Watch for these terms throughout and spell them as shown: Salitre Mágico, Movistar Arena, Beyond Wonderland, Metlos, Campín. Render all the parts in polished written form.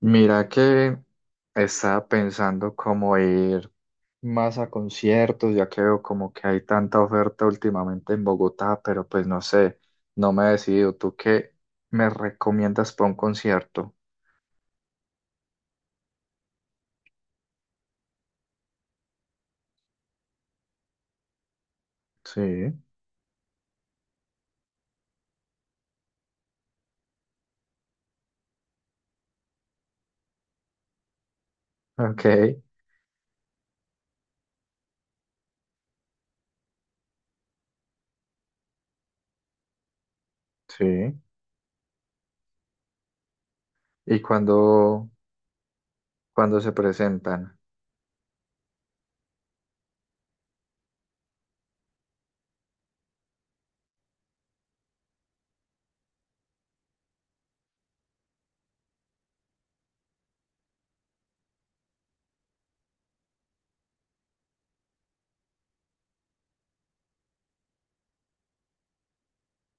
Mira que estaba pensando cómo ir más a conciertos, ya que veo como que hay tanta oferta últimamente en Bogotá, pero pues no sé, no me he decidido. ¿Tú qué me recomiendas para un concierto? Sí, ok, sí. ¿Y cuándo se presentan?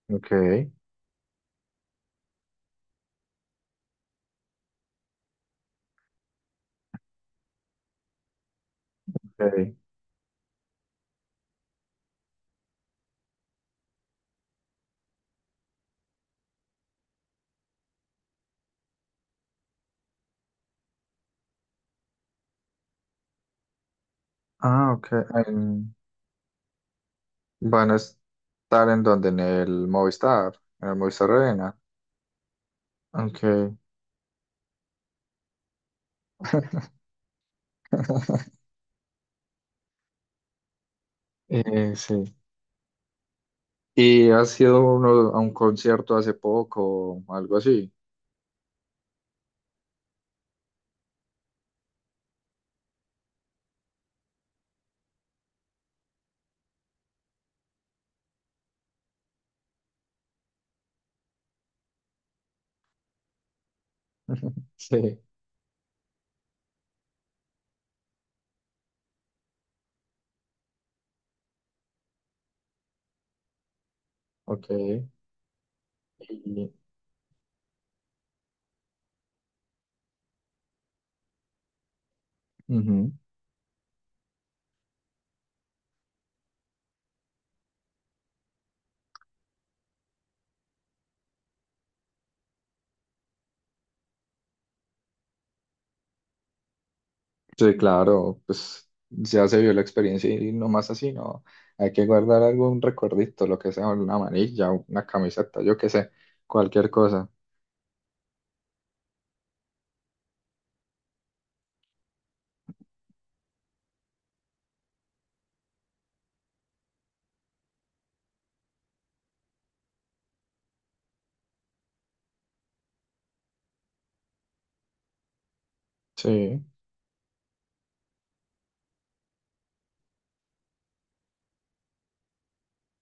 Ok, ok. Ah, ok. en- Van a estar en donde, en el Movistar Arena. Ok, sí. ¿Y has ido a un concierto hace poco o algo así? Sí, ok. Y- Ujú. Sí, claro, pues ya se vio la experiencia y no más así, ¿no? Hay que guardar algún recuerdito, lo que sea, una manilla, una camiseta, yo qué sé, cualquier cosa. Sí,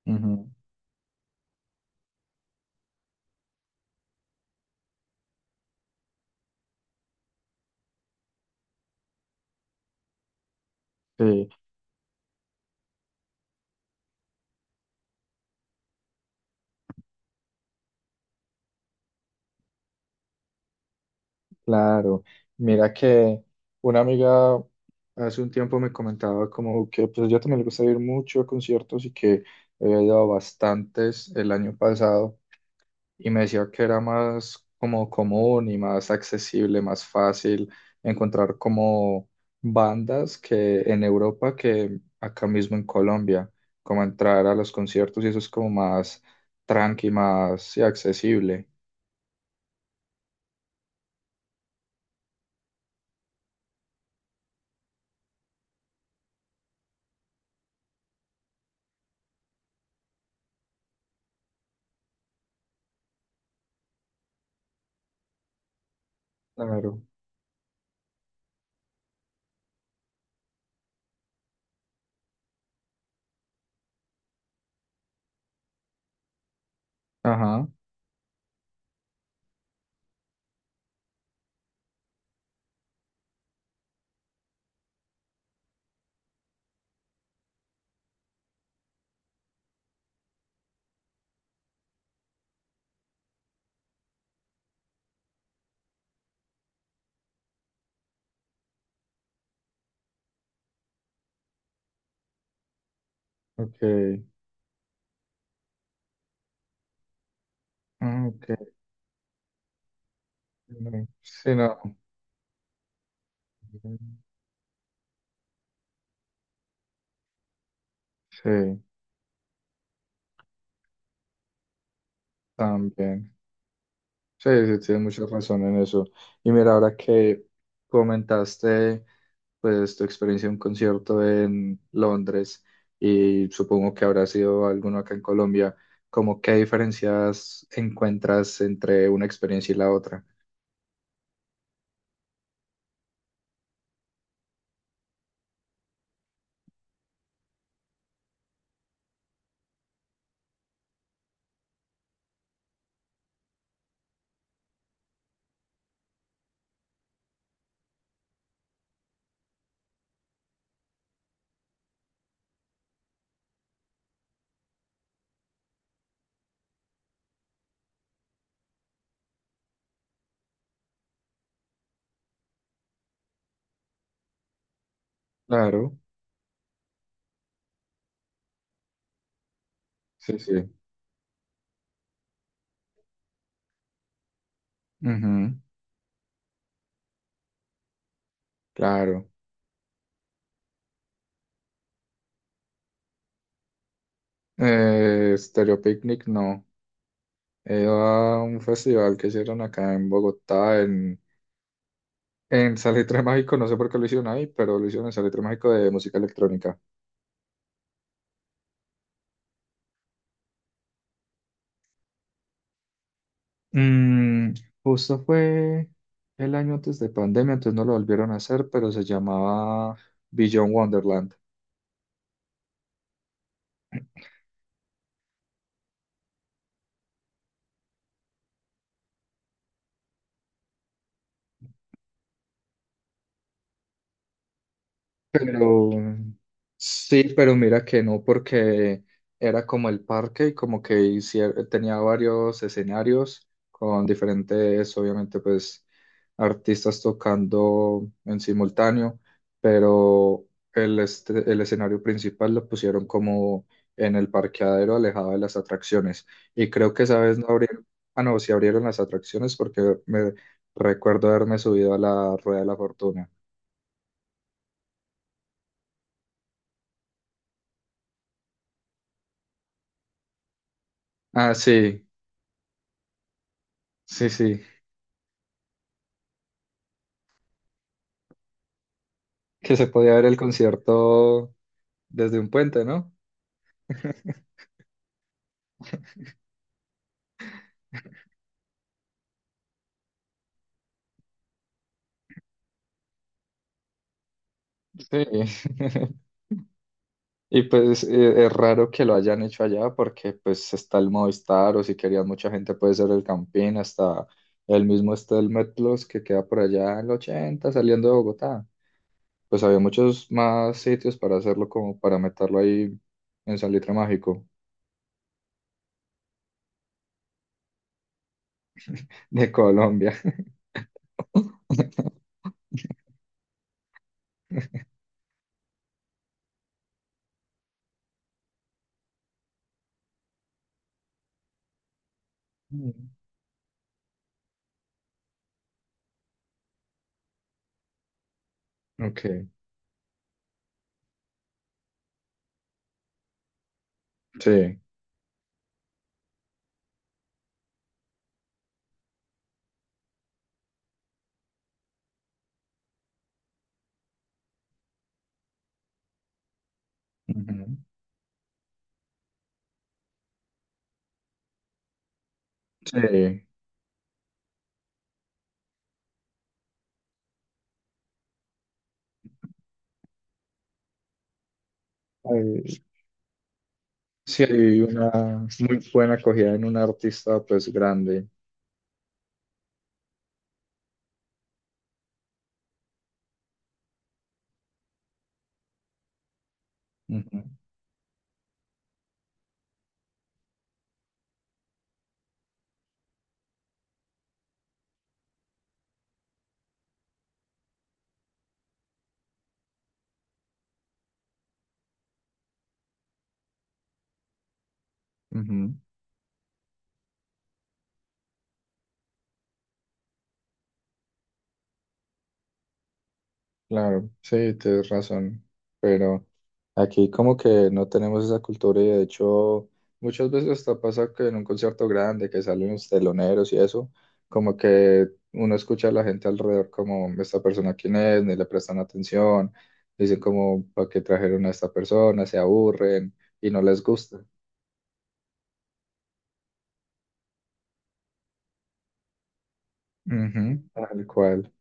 ujú, sí. Claro, mira que una amiga hace un tiempo me comentaba como que pues yo también le gusta ir mucho a conciertos y que había ido a bastantes el año pasado, y me decía que era más como común y más accesible, más fácil encontrar como bandas que en Europa que acá mismo en Colombia, como entrar a los conciertos y eso es como más tranqui, más sí, accesible. Claro. Ajá, ok. Ah, ok. Mm, sí, no. Sí, también. Sí, sí, tienes mucha razón en eso. Y mira, ahora que comentaste pues tu experiencia en un concierto en Londres, y supongo que habrá sido alguno acá en Colombia, ¿cómo qué diferencias encuentras entre una experiencia y la otra? Claro, sí, sí. Ujú, claro. Stereo Picnic no. Era un festival que hicieron acá en Bogotá. En Salitre Mágico, no sé por qué lo hicieron ahí, pero lo hicieron en Salitre Mágico de música electrónica. Mm, Justo fue el año antes de pandemia, entonces no lo volvieron a hacer, pero se llamaba Beyond Wonderland. Pero sí, pero mira que no, porque era como el parque y como que tenía varios escenarios con diferentes, obviamente, pues artistas tocando en simultáneo, pero el escenario principal lo pusieron como en el parqueadero alejado de las atracciones. Y creo que esa vez no abrieron, ah, no, sí abrieron las atracciones porque me recuerdo haberme subido a la rueda de la fortuna. Ah, sí, sí, sí. Que se podía ver el concierto desde un puente, ¿no? Sí. Y pues es raro que lo hayan hecho allá porque pues está el Movistar, o si querían mucha gente puede ser el Campín, hasta el mismo está el Metlos que queda por allá en el 80 saliendo de Bogotá. Pues había muchos más sitios para hacerlo como para meterlo ahí en Salitre Mágico de Colombia. Mm. Ok, sí. Ujú. Sí. Ay, sí, hay una muy buena acogida en un artista pues grande. Ujú, ujú, claro, sí, tienes razón. Pero aquí como que no tenemos esa cultura, y de hecho muchas veces hasta pasa que en un concierto grande que salen los teloneros y eso, como que uno escucha a la gente alrededor como esta persona quién es, ni le prestan atención, dicen como para qué trajeron a esta persona, se aburren y no les gusta. Ujú, tal cual.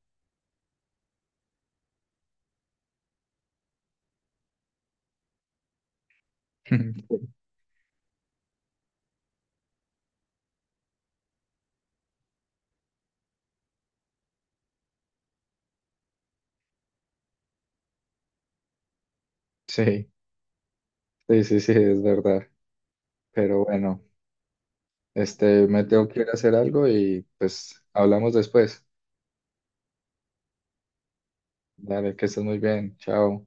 Sí. Sí, sí, sí, es verdad. Pero bueno, me tengo que ir a hacer algo y pues hablamos después. Dale, que estés muy bien. Chao.